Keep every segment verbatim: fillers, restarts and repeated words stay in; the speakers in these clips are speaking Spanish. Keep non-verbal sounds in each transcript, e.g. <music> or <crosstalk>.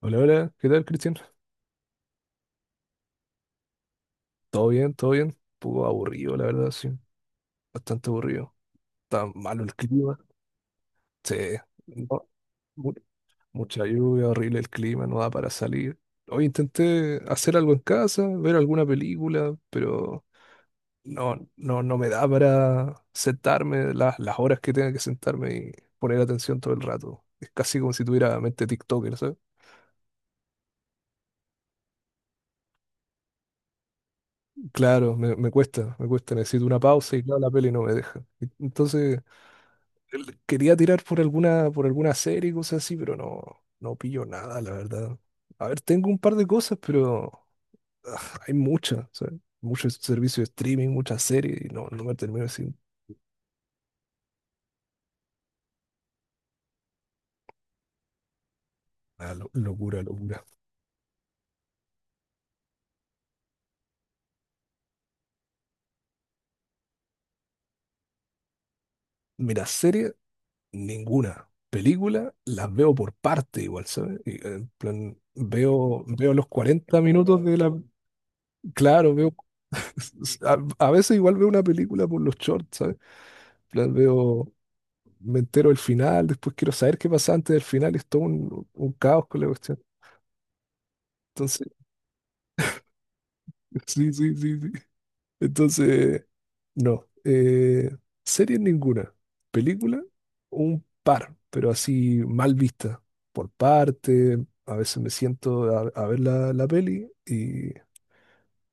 Hola, hola, ¿qué tal, Cristian? ¿Todo bien? ¿Todo bien? Un poco aburrido, la verdad, sí. Bastante aburrido. Está malo el clima. Sí, no, mu- mucha lluvia, horrible el clima, no da para salir. Hoy intenté hacer algo en casa, ver alguna película, pero no, no, no me da para sentarme las, las horas que tenga que sentarme y poner atención todo el rato. Es casi como si tuviera mente TikToker, ¿sabes? Claro, me, me cuesta, me cuesta, necesito una pausa y claro, la peli no me deja. Entonces quería tirar por alguna, por alguna serie y cosas así, pero no, no pillo nada, la verdad. A ver, tengo un par de cosas, pero ah, hay muchas, o sea, muchos servicios de streaming, muchas series, y no, no me termino sin nada, lo- locura, locura. Mira, serie, ninguna. Película, las veo por parte igual, ¿sabes? Y, eh, en plan, veo, veo los cuarenta minutos de la... Claro, veo... <laughs> A, a veces igual veo una película por los shorts, ¿sabes? En plan, veo, me entero el final, después quiero saber qué pasa antes del final, y es todo un, un caos con la cuestión. Entonces, <laughs> sí, sí, sí, sí. Entonces, no. Eh, series ninguna. Película, un par, pero así mal vista. Por parte, a veces me siento a, a ver la, la peli y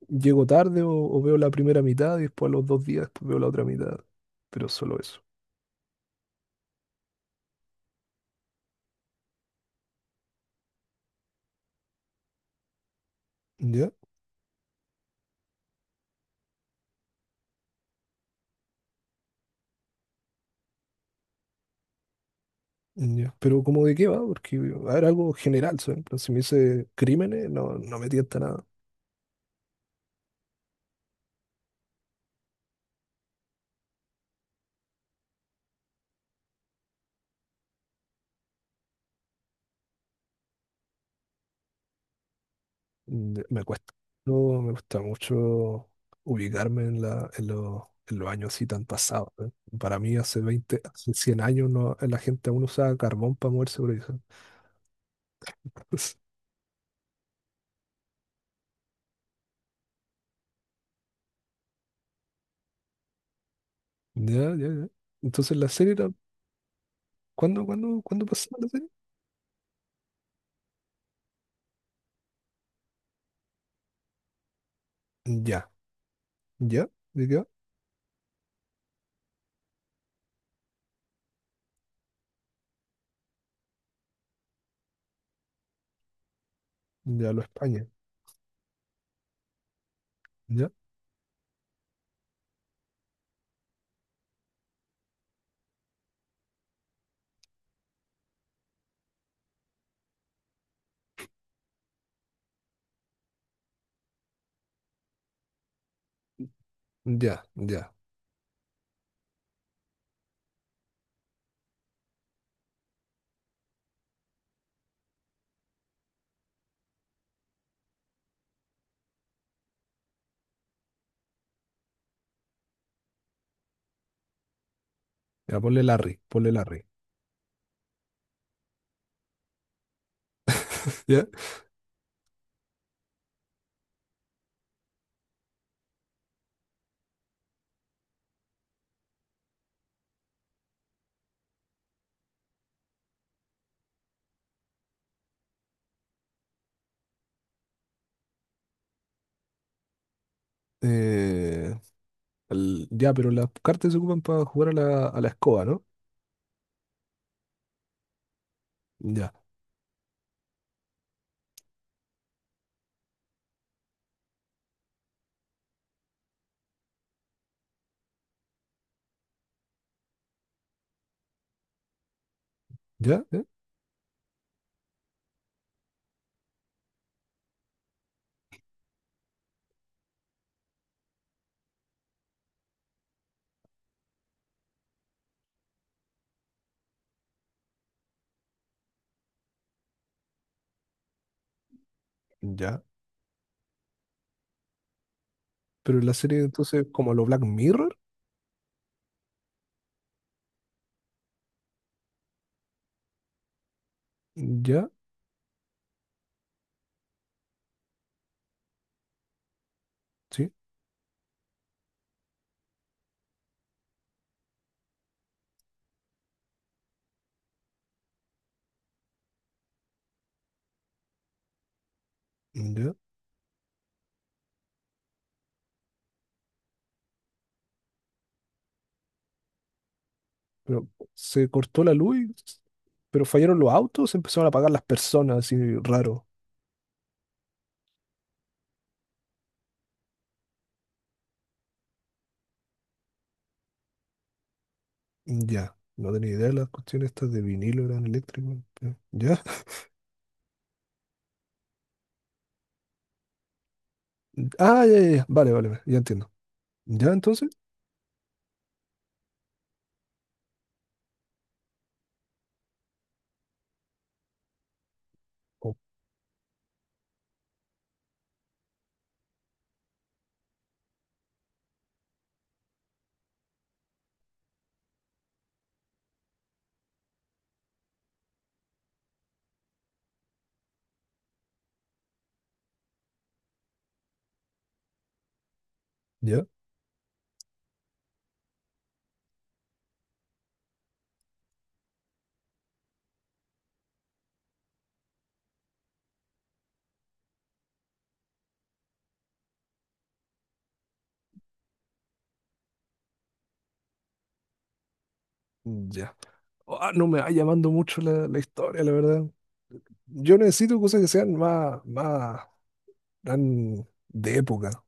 llego tarde o, o veo la primera mitad y después a los dos días después veo la otra mitad. Pero solo eso. ¿Ya? Ya, pero cómo, de qué va, porque a ver, algo general, ¿sabes? En plan, si me dice crímenes, no, no me tienta nada. De- Me cuesta. No me gusta mucho ubicarme en, la, en, los, en los años así tan pasados, ¿sabes? Para mí hace veinte, hace cien años, no, la gente aún usaba carbón para moverse por ahí, ¿sabes? <laughs> Ya, ya, ya. Entonces la serie era, ¿cuándo, cuándo, cuándo pasaba la serie? Ya, ya, ¿de qué va? Ya, lo España, ya, ya, ya. Ya, ponle Larry, ponle Larry. <laughs> ¿Ya? Eh, El- ya, pero las cartas se ocupan para jugar a la, a la escoba, ¿no? Ya, ya, ¿eh? Ya. Pero la serie entonces, como lo Black Mirror, ya, sí, ya. Pero se cortó la luz, y- pero fallaron los autos, se empezaron a apagar las personas, así raro. Ya, no tenía idea de las cuestiones estas de vinilo, eran eléctricos. pero- Ya. <laughs> Ah, ya, ya, ya. Vale, vale, vale, ya entiendo. Ya, entonces, oh, ya, ya. Ah, no me va llamando mucho la, la historia, la verdad. Yo necesito cosas que sean más, más, eran de época,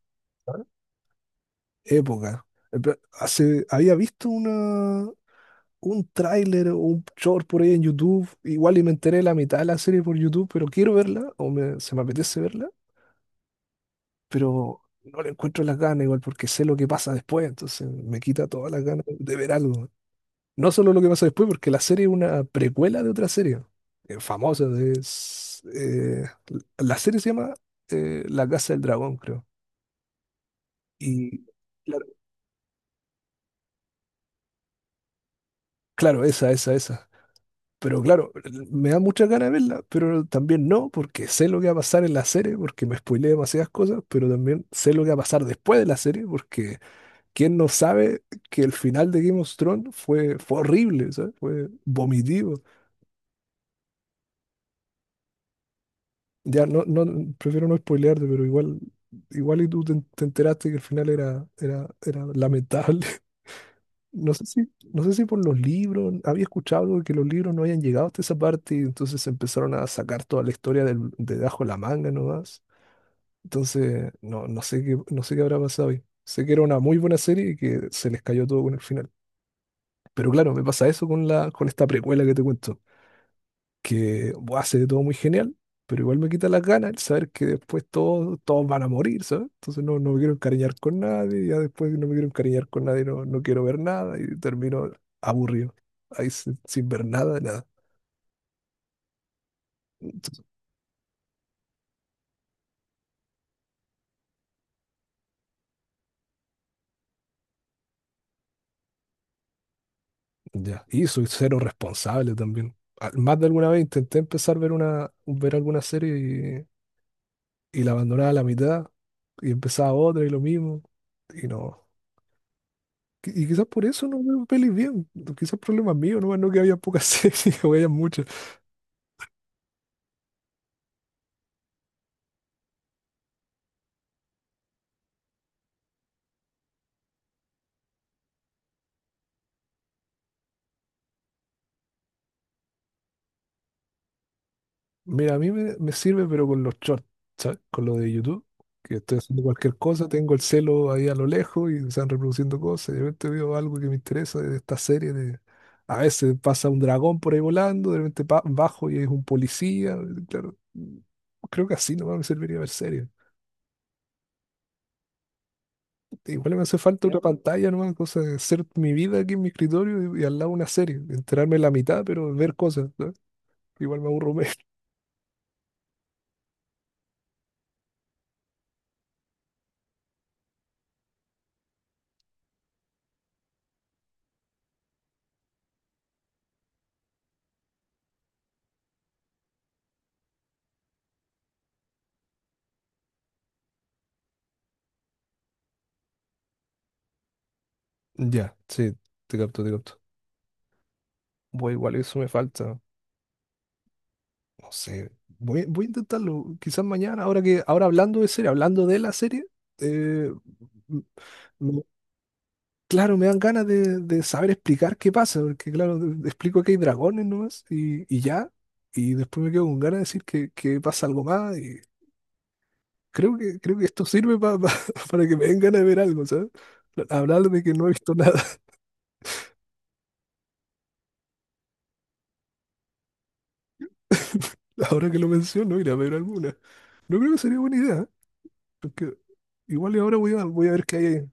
época. Eh, pe- Hace, había visto una, un tráiler o un short por ahí en YouTube, igual y me enteré de la mitad de la serie por YouTube, pero quiero verla, o me- se me apetece verla, pero no le encuentro las ganas igual porque sé lo que pasa después, entonces me quita todas las ganas de ver algo. No solo lo que pasa después, porque la serie es una precuela de otra serie eh, famosa. Es, eh, la serie se llama eh, La Casa del Dragón, creo. Y claro, claro, esa, esa, esa. Pero claro, me da muchas ganas de verla, pero también no, porque sé lo que va a pasar en la serie, porque me spoileé demasiadas cosas, pero también sé lo que va a pasar después de la serie, porque quién no sabe que el final de Game of Thrones fue, fue horrible, ¿sabes? Fue vomitivo. Ya no, no, prefiero no spoilearte, pero igual, igual y tú te, te enteraste que el final era, era, era lamentable. No sé si, no sé si por los libros, había escuchado algo de que los libros no habían llegado hasta esa parte y entonces empezaron a sacar toda la historia del, de bajo la manga nomás. Entonces, no, no sé qué, no sé qué habrá pasado ahí. Sé que era una muy buena serie y que se les cayó todo con el final. Pero claro, me pasa eso con la, con esta precuela que te cuento que buah, se ve todo muy genial, pero igual me quita las ganas el saber que después todos, todos van a morir, ¿sabes? Entonces no, no me quiero encariñar con nadie, ya después no me quiero encariñar con nadie, no, no quiero ver nada y termino aburrido, ahí sin, sin ver nada, nada. Ya. Y soy cero responsable también. Al- Más de alguna vez intenté empezar a ver una, ver alguna serie y, y la abandonaba a la mitad y empezaba otra y lo mismo y no. Qui- Y quizás por eso no veo pelis bien. Quizás problemas míos, no, no que había pocas <laughs> series o había muchas. Mira, a mí me, me sirve, pero con los shorts, ¿sabes? Con lo de YouTube, que estoy haciendo cualquier cosa, tengo el celo ahí a lo lejos y se están reproduciendo cosas. Y de repente veo algo que me interesa de esta serie. De... A veces pasa un dragón por ahí volando, de repente pa- bajo y es un policía. Claro, mm, creo que así nomás me serviría ver series. Igual me hace falta, ya, una pantalla nomás, cosa de hacer mi vida aquí en mi escritorio y, y al lado una serie. Enterarme la mitad, pero ver cosas, ¿sabes? Igual me aburro <laughs> menos. Ya, sí, te capto, te capto. Bueno, igual eso me falta. No sé, voy, voy a intentarlo. Quizás mañana, ahora que, ahora hablando de serie, hablando de la serie, eh, m- me- claro, me dan ganas de, de saber explicar qué pasa, porque claro, de- explico que hay dragones nomás y, y ya, y después me quedo con ganas de decir que, que pasa algo más, y creo que, creo que esto sirve pa- pa- <laughs> para que me den ganas de ver algo, ¿sabes? Hablar de que no he visto nada, <laughs> ahora que lo menciono, ir a ver alguna. No creo que sería buena idea, ¿eh? Porque igual y ahora voy a, voy a ver qué hay.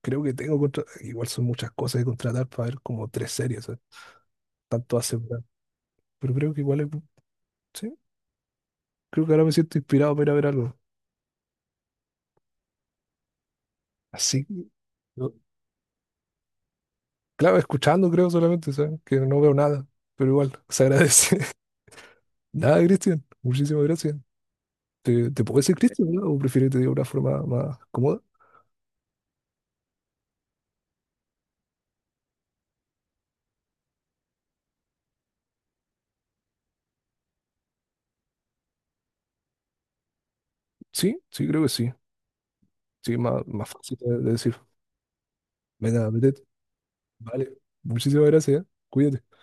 Creo que tengo contra- igual son muchas cosas que contratar para ver como tres series, ¿eh? Tanto hace, ¿verdad? Pero creo que igual es- sí, creo que ahora me siento inspirado para ir a ver algo. Así, que, yo- claro, escuchando creo solamente, ¿sabes? Que no veo nada, pero igual se agradece. <laughs> Nada, Cristian, muchísimas gracias. ¿Te, te puedo decir Cristian, ¿verdad? O prefieres que te diga una forma más cómoda? Sí, sí, creo que sí. Sí, más, más fácil de de decir. Venga, metete. Vale, muchísimas gracias, ¿eh? Cuídate.